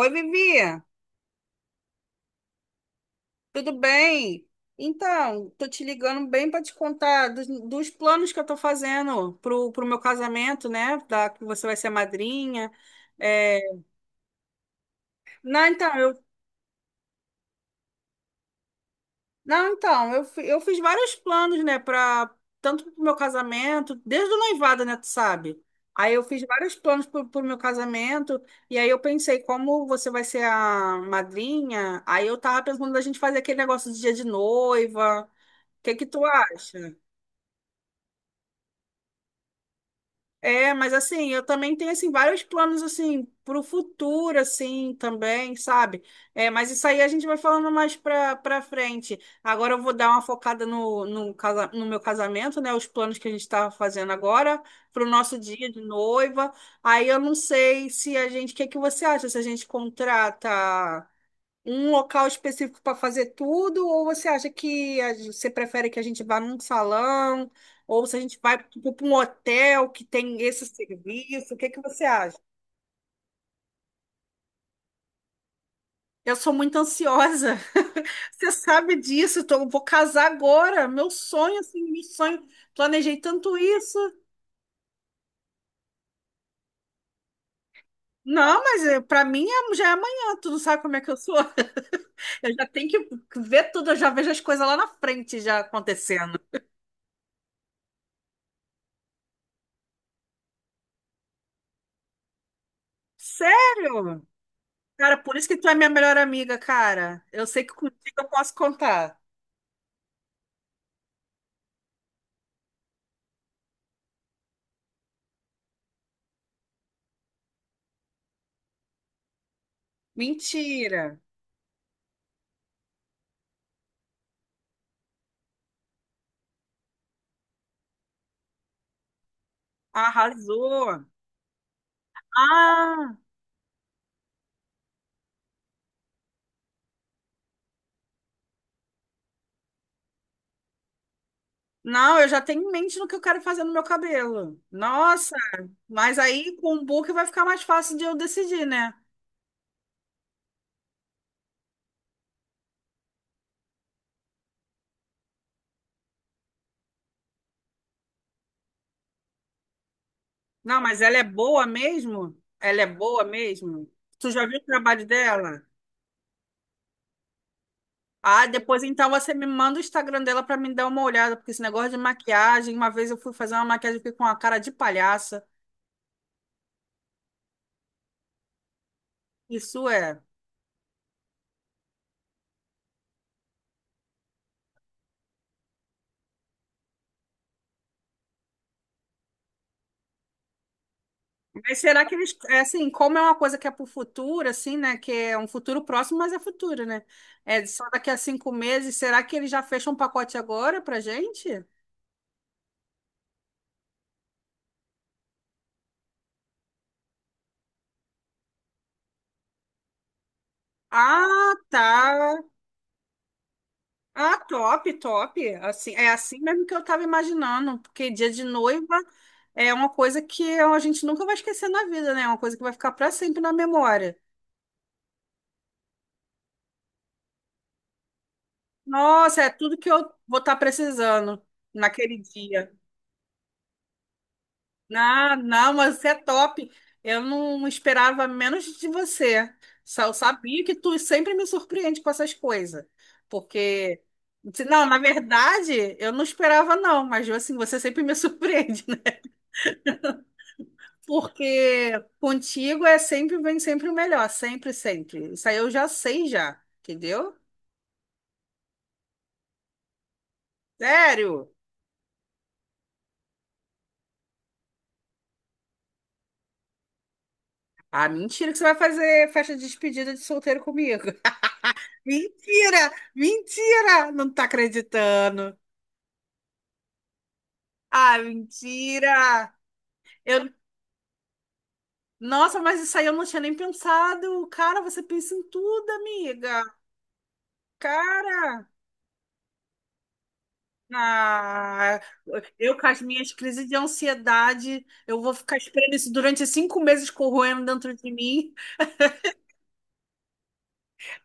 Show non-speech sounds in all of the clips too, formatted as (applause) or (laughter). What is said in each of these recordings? Oi, Vivi, tudo bem? Então, tô te ligando bem para te contar dos planos que eu tô fazendo pro meu casamento, né? Que você vai ser madrinha. É. Não, então, eu, não, então, eu, fi- Eu fiz vários planos, né? Para tanto pro meu casamento, desde o noivado, né? Tu sabe? Aí eu fiz vários planos pro meu casamento, e aí eu pensei, como você vai ser a madrinha, aí eu tava pensando da gente fazer aquele negócio de dia de noiva. O que que tu acha? É, mas assim, eu também tenho assim vários planos assim para o futuro assim também, sabe? É, mas isso aí a gente vai falando mais para frente. Agora eu vou dar uma focada no no meu casamento, né? Os planos que a gente está fazendo agora para o nosso dia de noiva. Aí eu não sei se a gente, o que que você acha? Se a gente contrata um local específico para fazer tudo, ou você acha que você prefere que a gente vá num salão, ou se a gente vai tipo, para um hotel que tem esse serviço? O que que você acha? Eu sou muito ansiosa, (laughs) você sabe disso. Eu vou casar agora, meu sonho, assim, meu sonho. Planejei tanto isso. Não, mas para mim já é amanhã, tu não sabe como é que eu sou. (laughs) Eu já tenho que ver tudo, eu já vejo as coisas lá na frente já acontecendo. Sério? Cara, por isso que tu é minha melhor amiga, cara. Eu sei que contigo eu posso contar. Mentira. Arrasou. Ah, não, eu já tenho em mente no que eu quero fazer no meu cabelo. Nossa, mas aí com o book vai ficar mais fácil de eu decidir, né? Não, mas ela é boa mesmo? Ela é boa mesmo? Tu já viu o trabalho dela? Ah, depois então você me manda o Instagram dela pra me dar uma olhada, porque esse negócio de maquiagem, uma vez eu fui fazer uma maquiagem e fiquei com uma cara de palhaça. Isso é. Mas será que eles, é assim, como é uma coisa que é para o futuro, assim, né? Que é um futuro próximo, mas é futuro, né? É só daqui a 5 meses. Será que eles já fecham um pacote agora pra gente? Ah, tá. Ah, top, top. Assim, é assim mesmo que eu estava imaginando, porque dia de noiva é uma coisa que a gente nunca vai esquecer na vida, né? É uma coisa que vai ficar para sempre na memória. Nossa, é tudo que eu vou estar precisando naquele dia. Não não, mas você é top. Eu não esperava menos de você. Só eu sabia que tu sempre me surpreende com essas coisas. Porque, não, na verdade, eu não esperava, não, mas assim, você sempre me surpreende, né? (laughs) Porque contigo é sempre, vem sempre o melhor, sempre, sempre. Isso aí eu já sei já, entendeu? Sério? Ah, mentira que você vai fazer festa de despedida de solteiro comigo. (laughs) Mentira! Mentira! Não tá acreditando. Ah, mentira! Eu... Nossa, mas isso aí eu não tinha nem pensado. Cara, você pensa em tudo, amiga. Cara, ah, eu com as minhas crises de ansiedade, eu vou ficar esperando isso durante 5 meses corroendo dentro de mim.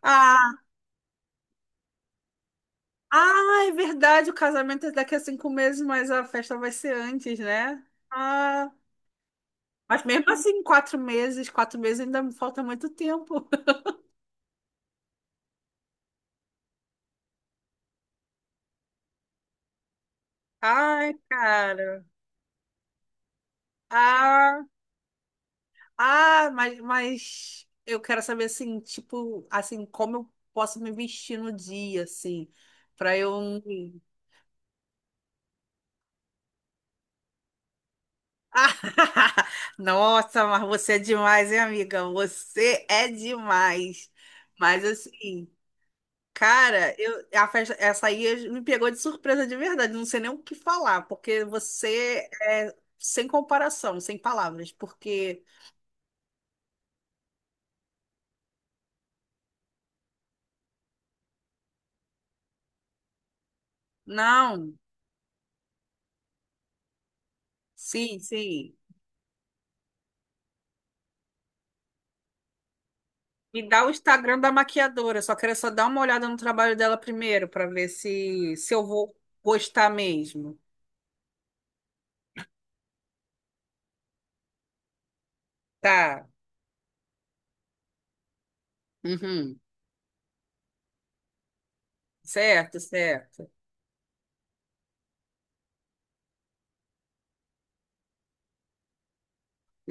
Ah, ah, é verdade, o casamento é daqui a 5 meses, mas a festa vai ser antes, né? Ah, mas mesmo assim, 4 meses, 4 meses ainda me falta muito tempo. (laughs) Ai, cara. Ah. Ah, mas eu quero saber assim, tipo, assim, como eu posso me vestir no dia, assim, pra eu. Ah. (laughs) Nossa, mas você é demais, hein, amiga? Você é demais. Mas assim, cara, eu, a festa, essa aí me pegou de surpresa de verdade. Não sei nem o que falar, porque você é sem comparação, sem palavras, porque. Não, sim, sim. Me dá o Instagram da maquiadora. Só quero só dar uma olhada no trabalho dela primeiro para ver se eu vou gostar mesmo. Tá. Uhum. Certo, certo.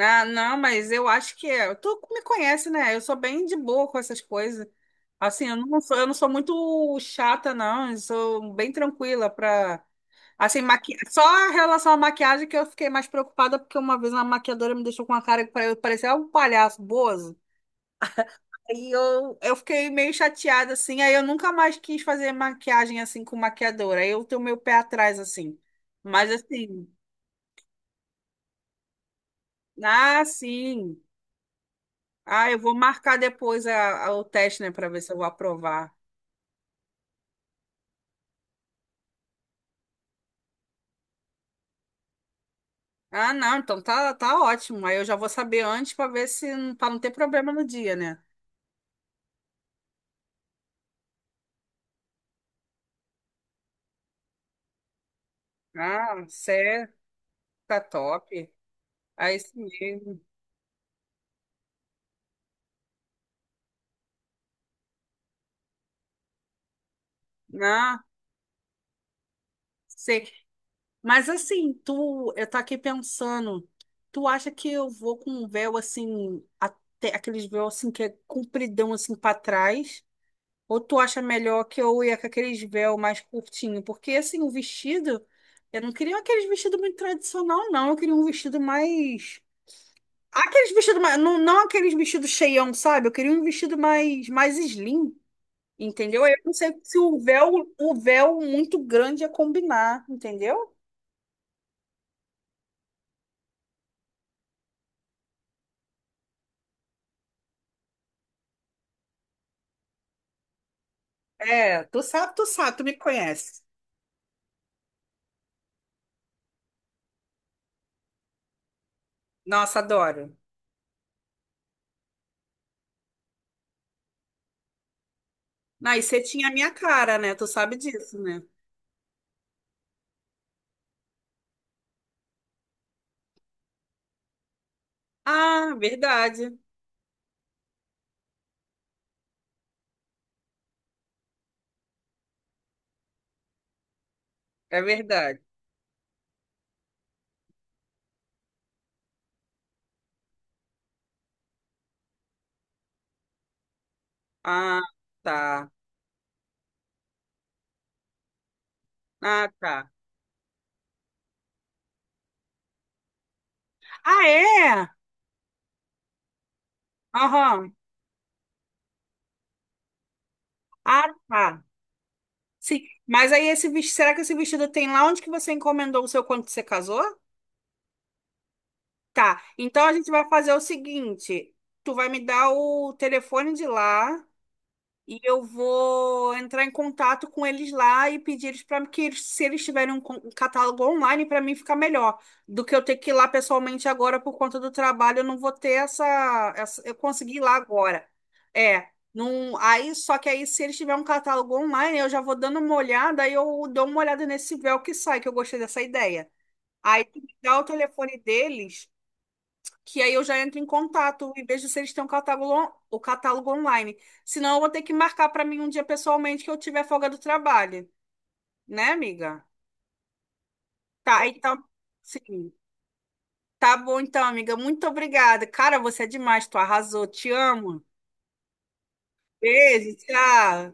Ah, não, mas eu acho que é. Tu me conhece, né? Eu sou bem de boa com essas coisas. Assim, eu não sou muito chata, não. Eu sou bem tranquila pra. Assim, maqui... só em relação à maquiagem que eu fiquei mais preocupada, porque uma vez uma maquiadora me deixou com uma cara que parecia um palhaço, bozo. Eu fiquei meio chateada, assim, aí eu nunca mais quis fazer maquiagem, assim, com maquiadora. Aí eu tenho meu pé atrás, assim. Mas, assim, ah, sim. Ah, eu vou marcar depois o teste, né, pra ver se eu vou aprovar. Ah, não, então tá, tá ótimo. Aí eu já vou saber antes pra ver se, pra não ter problema no dia, né? Ah, certo, tá top. Aí sim mesmo. Ah, sei. Mas assim, tu, eu tô aqui pensando, tu acha que eu vou com um véu assim, até aqueles véu assim que é compridão assim pra trás? Ou tu acha melhor que eu ia com aqueles véu mais curtinho? Porque assim, o vestido, eu não queria aqueles vestidos muito tradicional, não. Eu queria um vestido mais. Aqueles vestidos mais. Não, não aqueles vestidos cheião, sabe? Eu queria um vestido mais, mais slim, entendeu? Eu não sei se o véu, o véu muito grande ia combinar, entendeu? É, tu sabe, tu sabe, tu me conhece. Nossa, adoro. Ah, e você tinha a minha cara, né? Tu sabe disso, né? Ah, verdade. É verdade. Ah, tá. Ah, tá. Ah, é? Aham. Ah, tá. Sim. Mas aí esse vestido, será que esse vestido tem lá onde que você encomendou o seu quando você casou? Tá. Então a gente vai fazer o seguinte, tu vai me dar o telefone de lá. E eu vou entrar em contato com eles lá e pedir eles para que eles, se eles tiverem um catálogo online, para mim ficar melhor do que eu ter que ir lá pessoalmente agora por conta do trabalho. Eu não vou ter essa, essa eu consegui ir lá agora. É, não, aí só que aí se eles tiverem um catálogo online, eu já vou dando uma olhada, aí eu dou uma olhada nesse véu que sai, que eu gostei dessa ideia. Aí tu me dá o telefone deles que aí eu já entro em contato, em vez de se eles têm um catálogo, o catálogo online. Senão eu vou ter que marcar para mim um dia pessoalmente que eu tiver folga do trabalho, né, amiga? Tá, então, sim. Tá bom então, amiga. Muito obrigada. Cara, você é demais, tu arrasou. Te amo. Beijo, tchau.